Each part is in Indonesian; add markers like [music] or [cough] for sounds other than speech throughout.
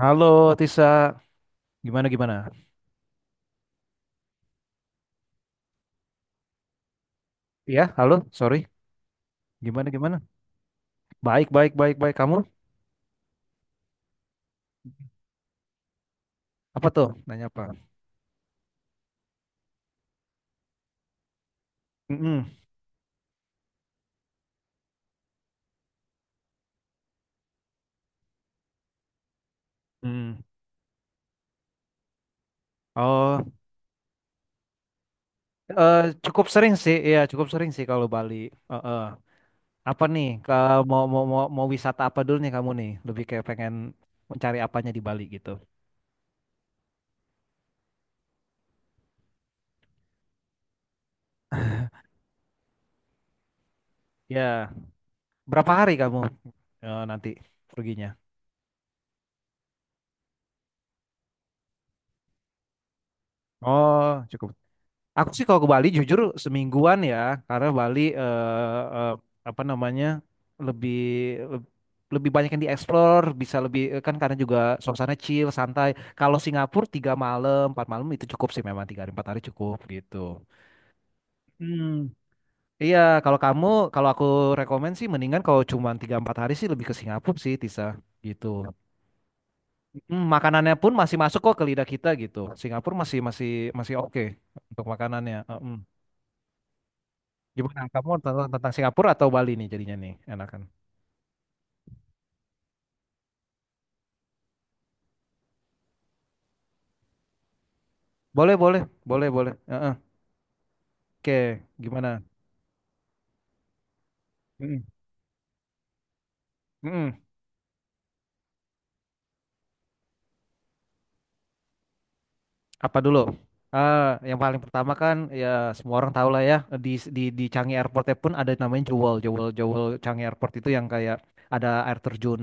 Halo Tisa, gimana gimana? Iya, halo, sorry, gimana gimana? Baik baik baik baik kamu apa tuh? Nanya apa? Mm-mm. Mm. Oh, eh, cukup sering sih, iya cukup sering sih kalau Bali. Eh, eh. Apa nih? Ke, mau, mau mau mau wisata apa dulu nih kamu nih? Lebih kayak pengen mencari apanya di Bali gitu? Ya, berapa hari kamu nanti perginya? Oh, cukup. Aku sih kalau ke Bali jujur semingguan ya, karena Bali apa namanya lebih leb- lebih banyak yang dieksplor, bisa lebih kan karena juga suasana chill, santai. Kalau Singapura tiga malam, empat malam itu cukup sih, memang tiga hari empat hari cukup gitu. Hmm. Iya, kalau kamu, kalau aku rekomen sih mendingan kalau cuma tiga empat hari sih lebih ke Singapura sih, Tisa, gitu. Hmm, makanannya pun masih masuk kok ke lidah kita gitu. Singapura masih masih masih oke untuk makanannya. Mm. Gimana kamu tentang, tentang Singapura atau Bali nih jadinya nih enakan? Boleh boleh boleh boleh. Heeh. Oke, gimana? Mm-mm. Mm-mm. Apa dulu? Yang paling pertama kan ya semua orang tahu lah ya, di di Changi Airportnya pun ada namanya Jewel Jewel Jewel Changi Airport itu yang kayak ada air terjun,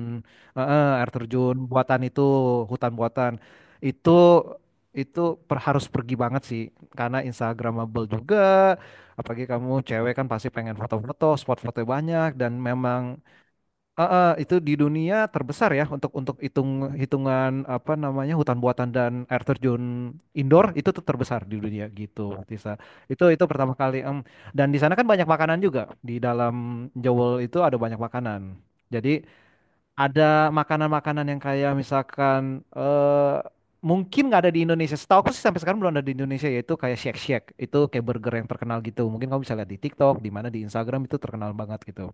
air terjun buatan itu, hutan buatan. Itu itu harus pergi banget sih karena Instagramable juga, apalagi kamu cewek kan pasti pengen foto-foto, spot foto banyak, dan memang itu di dunia terbesar ya untuk hitungan apa namanya, hutan buatan dan air terjun indoor itu tuh terbesar di dunia gitu Tisa. Itu pertama kali Dan di sana kan banyak makanan juga. Di dalam Jewel itu ada banyak makanan. Jadi ada makanan-makanan yang kayak misalkan mungkin nggak ada di Indonesia. Setahu aku sih sampai sekarang belum ada di Indonesia, yaitu kayak Shake Shack itu, kayak burger yang terkenal gitu. Mungkin kamu bisa lihat di TikTok, di mana di Instagram itu terkenal banget gitu.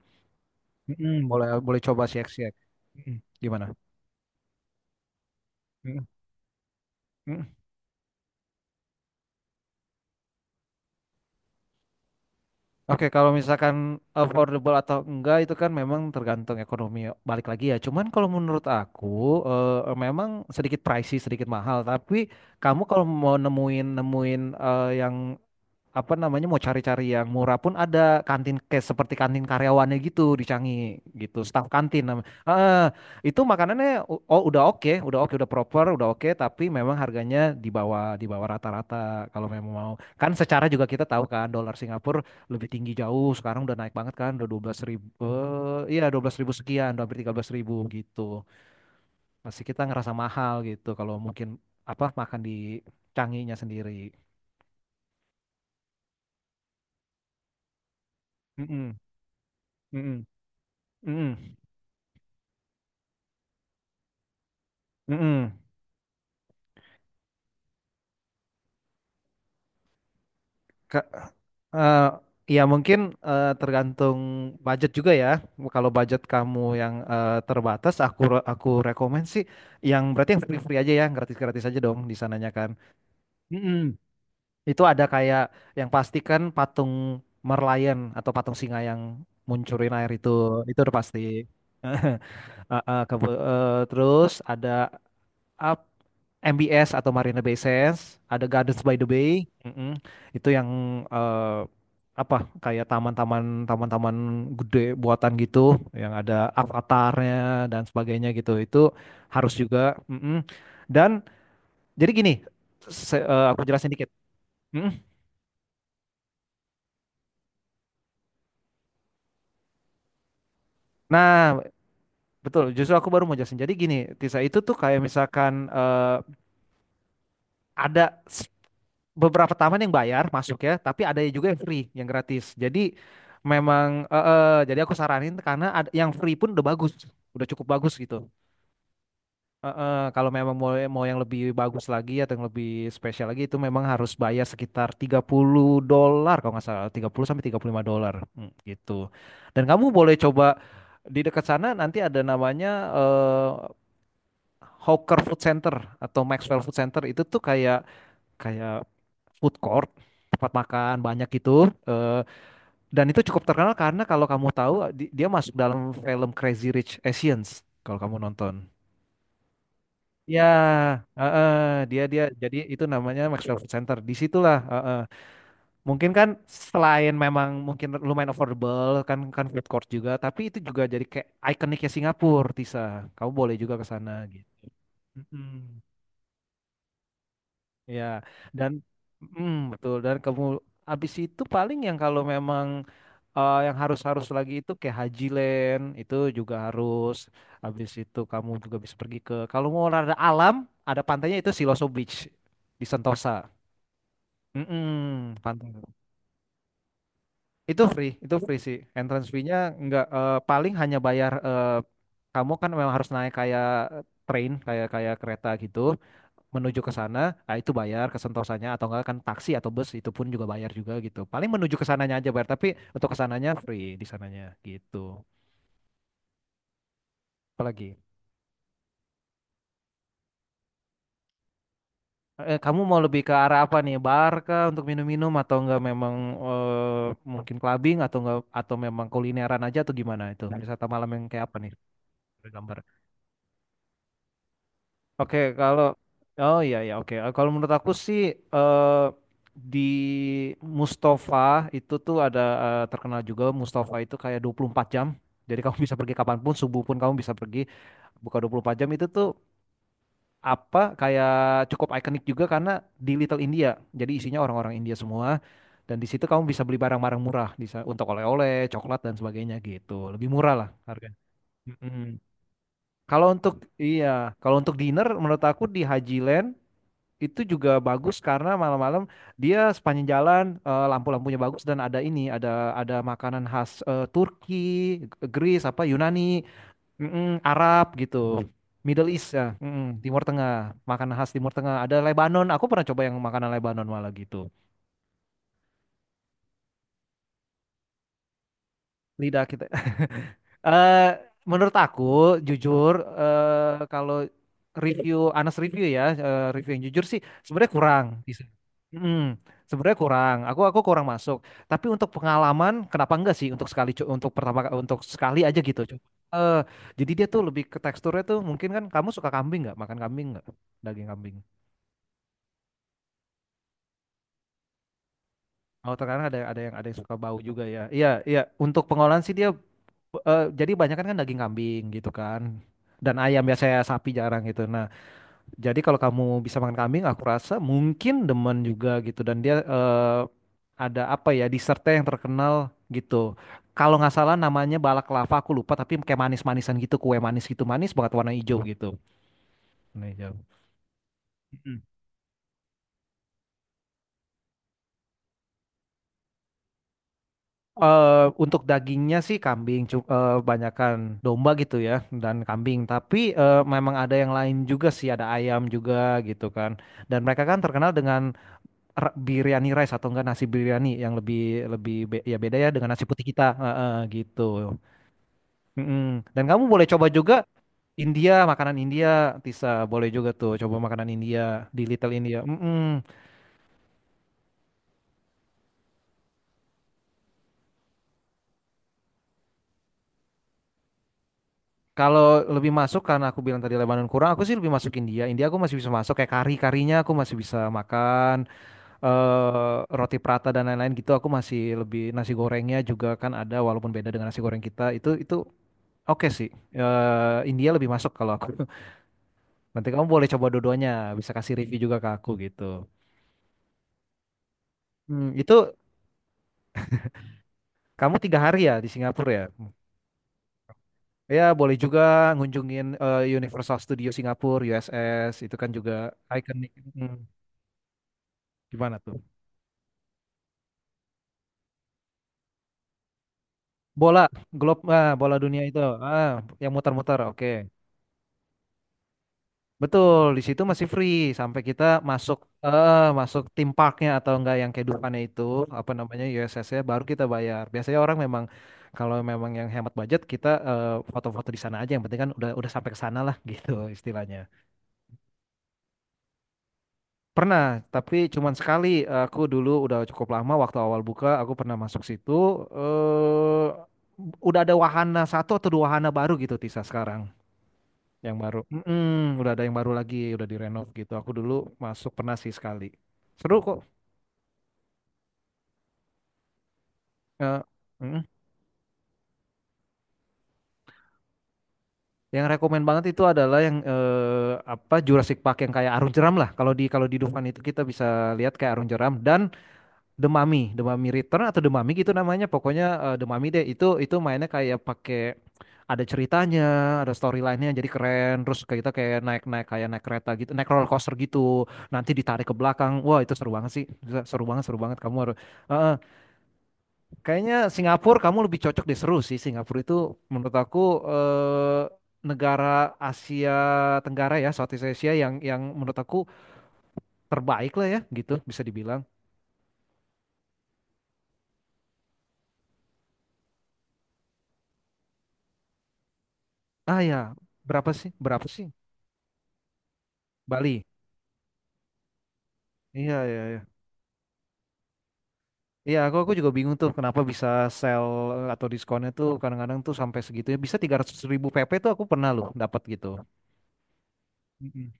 Mm-mm, boleh boleh coba siak-siak. Mm-mm. Gimana? Mm-mm, mm-mm. Oke, kalau misalkan affordable atau enggak itu kan memang tergantung ekonomi, balik lagi ya. Cuman kalau menurut aku memang sedikit pricey, sedikit mahal. Tapi kamu kalau mau nemuin nemuin yang apa namanya, mau cari-cari yang murah pun ada kantin, kayak seperti kantin karyawannya gitu di Canggih gitu, staf kantin namanya. Itu makanannya oh udah oke, udah oke, udah proper, udah oke, tapi memang harganya di bawah rata-rata. Kalau memang mau, kan secara juga kita tahu kan dolar Singapura lebih tinggi jauh sekarang, udah naik banget kan, udah dua belas ribu, iya dua belas ribu sekian, udah hampir tiga belas ribu gitu, masih kita ngerasa mahal gitu kalau mungkin apa makan di Canggihnya sendiri. Mm-mm, mm-mm, mm-mm. Mm-mm. Ka- eh, ya mungkin tergantung budget juga ya. Kalau budget kamu yang terbatas, aku rekomend sih yang berarti yang free-free aja ya, yang gratis-gratis aja dong di sananya kan. Mm-mm. Itu ada kayak yang pasti kan patung Merlion, atau patung singa yang muncurin air itu udah pasti. [laughs] Eh, eh, ke- Terus ada up MBS atau Marina Bay Sands, ada Gardens by the Bay, mm-mm. Itu yang eh, apa, kayak taman-taman gede buatan gitu, yang ada avatarnya dan sebagainya gitu. Itu harus juga, mm-mm. Dan jadi gini, aku jelasin dikit. Mm-mm. Nah, betul. Justru aku baru mau jelasin. Jadi gini Tisa, itu tuh kayak misalkan ada beberapa taman yang bayar masuk ya, tapi ada juga yang free, yang gratis. Jadi memang jadi aku saranin karena ada, yang free pun udah bagus, udah cukup bagus gitu. Kalau memang mau mau yang lebih bagus lagi atau yang lebih spesial lagi itu memang harus bayar sekitar 30 dolar, kalau nggak salah 30 sampai 35 dolar. Hmm, gitu. Dan kamu boleh coba di dekat sana nanti, ada namanya eh, Hawker Food Center atau Maxwell Food Center, itu tuh kayak kayak food court, tempat makan banyak gitu. Eh, dan itu cukup terkenal karena kalau kamu tahu, dia masuk dalam film Crazy Rich Asians, kalau kamu nonton ya. Heeh, dia dia jadi itu namanya Maxwell Food Center, di situlah. Heeh, mungkin kan, selain memang mungkin lumayan affordable kan, kan food court juga, tapi itu juga jadi kayak ikoniknya Singapura Tisa, kamu boleh juga ke sana gitu. Mm-mm. Ya, dan mm, betul. Dan kamu habis itu paling, yang kalau memang yang harus harus lagi itu kayak Haji Land, itu juga harus. Habis itu kamu juga bisa pergi ke, kalau mau olahraga alam, ada pantainya itu Siloso Beach di Sentosa. Mm-mm, pantai itu free, itu free sih entrance fee-nya, nggak paling hanya bayar, kamu kan memang harus naik kayak train, kayak kayak kereta gitu menuju ke sana. Nah itu bayar ke Sentosanya, atau enggak kan taksi atau bus itu pun juga bayar juga gitu, paling menuju ke sananya aja bayar, tapi untuk ke sananya free di sananya gitu. Apalagi kamu mau lebih ke arah apa nih? Bar kah, untuk minum-minum, atau enggak memang mungkin clubbing, atau enggak atau memang kulineran aja, atau gimana itu? Wisata malam yang kayak apa nih? Ada Gambar. Oke, kalau oh iya iya oke. Kalau menurut aku sih, eh, di Mustafa itu tuh ada, terkenal juga Mustafa itu, kayak 24 jam. Jadi kamu bisa pergi kapanpun, subuh pun kamu bisa pergi. Buka 24 jam itu tuh apa, kayak cukup ikonik juga karena di Little India. Jadi isinya orang-orang India semua, dan di situ kamu bisa beli barang-barang murah, bisa untuk oleh-oleh, coklat dan sebagainya gitu. Lebih murah lah harganya. Mm-mm. Kalau untuk iya, kalau untuk dinner menurut aku di Haji Land itu juga bagus, karena malam-malam dia sepanjang jalan lampu-lampunya bagus, dan ada ini, ada makanan khas Turki, Greece apa Yunani, mm-mm, Arab gitu, Middle East ya, mm-mm, Timur Tengah, makanan khas Timur Tengah. Ada Lebanon, aku pernah coba yang makanan Lebanon malah gitu. Lidah kita. [laughs] Eh, Menurut aku, jujur, kalau review, honest review ya, review yang jujur sih, sebenarnya kurang di sini. Mm, sebenarnya kurang. Aku kurang masuk. Tapi untuk pengalaman, kenapa enggak sih, untuk sekali, untuk pertama, untuk sekali aja gitu. Eh, jadi dia tuh lebih ke teksturnya tuh, mungkin kan kamu suka kambing nggak? Makan kambing nggak? Daging kambing. Oh, terkadang ada yang suka bau juga ya. Iya, iya. Untuk pengolahan sih dia jadi banyak kan daging kambing gitu kan, dan ayam, biasanya sapi jarang gitu. Nah, jadi kalau kamu bisa makan kambing aku rasa mungkin demen juga gitu. Dan dia ada apa ya, dessertnya yang terkenal gitu, kalau nggak salah namanya balak lava, aku lupa, tapi kayak manis-manisan gitu, kue manis gitu, manis banget, warna hijau gitu, warna hijau Mm. Untuk dagingnya sih kambing, banyakan domba gitu ya, dan kambing. Tapi memang ada yang lain juga sih, ada ayam juga gitu kan. Dan mereka kan terkenal dengan biryani rice atau enggak nasi biryani, yang lebih lebih be- ya beda ya dengan nasi putih kita. Gitu. Mm-mm. Dan kamu boleh coba juga India, makanan India, Tisa, boleh juga tuh coba makanan India di Little India. Mm-mm. Kalau lebih masuk karena aku bilang tadi Lebanon kurang, aku sih lebih masuk India. India aku masih bisa masuk, kayak kari-karinya aku masih bisa makan, roti prata dan lain-lain gitu. Aku masih lebih nasi gorengnya juga kan ada, walaupun beda dengan nasi goreng kita. Itu oke sih. Eh, India lebih masuk kalau aku. [laughs] Nanti kamu boleh coba dua-duanya, bisa kasih review juga ke aku gitu. Hmm, itu kamu tiga hari ya di Singapura ya? Ya boleh juga ngunjungin Universal Studio Singapura, USS itu kan juga ikonik. Hmm, gimana tuh? Bola, glob, ah, bola dunia itu, ah, yang muter-muter, oke. Betul, di situ masih free sampai kita masuk, masuk tim parknya atau enggak, yang kehidupannya itu, apa namanya, USS ya, baru kita bayar. Biasanya orang memang kalau memang yang hemat budget kita, foto-foto di sana aja, yang penting kan udah sampai ke sana lah, [laughs] gitu istilahnya. Pernah, tapi cuman sekali. Aku dulu udah cukup lama waktu awal buka, aku pernah masuk situ, eh udah ada wahana, satu atau dua wahana baru gitu Tisa sekarang. Yang baru. Mm-mm, udah ada yang baru lagi, udah direnov gitu. Aku dulu masuk pernah sih sekali. Seru kok. Eh, mm. Yang rekomend banget itu adalah yang apa, Jurassic Park yang kayak Arung Jeram lah. Kalau di Dufan itu kita bisa lihat kayak Arung Jeram. Dan The Mummy, The Mummy Return atau The Mummy gitu namanya. Pokoknya The Mummy deh itu mainnya kayak pakai, ada ceritanya, ada storyline-nya, jadi keren. Terus kayak kita kayak naik-naik, kayak naik kereta gitu, naik roller coaster gitu. Nanti ditarik ke belakang. Wah, itu seru banget sih. Seru banget, seru banget, kamu harus. Eh, eh, kayaknya Singapura kamu lebih cocok deh, seru sih. Singapura itu menurut aku eh negara Asia Tenggara ya, Southeast Asia, yang menurut aku terbaik lah ya gitu, bisa dibilang. Ah ya, berapa sih? Berapa sih? Bali. Iya, iya, iya. Iya, aku juga bingung tuh kenapa bisa sell, atau diskonnya tuh kadang-kadang tuh sampai segitunya. Bisa 300 ribu PP tuh aku pernah loh dapat gitu. Mm-mm.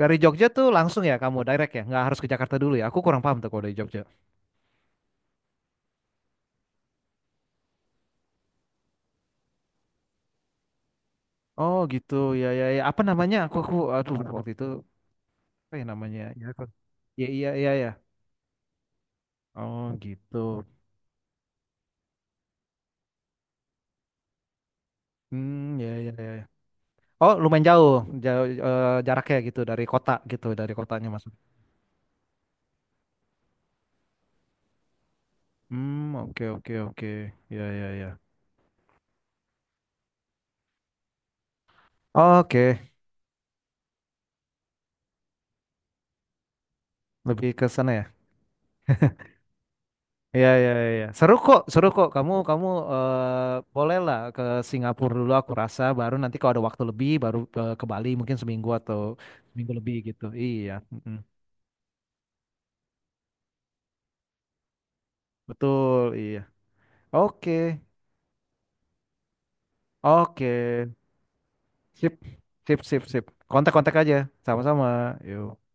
Dari Jogja tuh langsung ya, kamu direct ya, nggak harus ke Jakarta dulu ya. Aku kurang paham tuh kalau dari Jogja. Oh gitu, ya ya ya. Apa namanya? Aku aduh, waktu itu apa ya namanya? Ya aku. Iya iya iya ya. Oh gitu. Hmm, ya ya ya. Ya. Oh lumayan jauh, jauh, jaraknya gitu dari kota, gitu dari kotanya masuk. Hmm, oke oke oke. Ya ya ya. Oke. Lebih ke sana ya. [laughs] Iya, iya, iya. Seru kok, seru kok. Kamu kamu eh bolehlah ke Singapura dulu aku rasa, baru nanti kalau ada waktu lebih baru ke Bali mungkin seminggu atau seminggu lebih gitu. Iya. Mm-mm. Betul, iya. Oke. Oke. Sip. Sip, sip, sip. Kontak-kontak aja. Sama-sama. Yuk.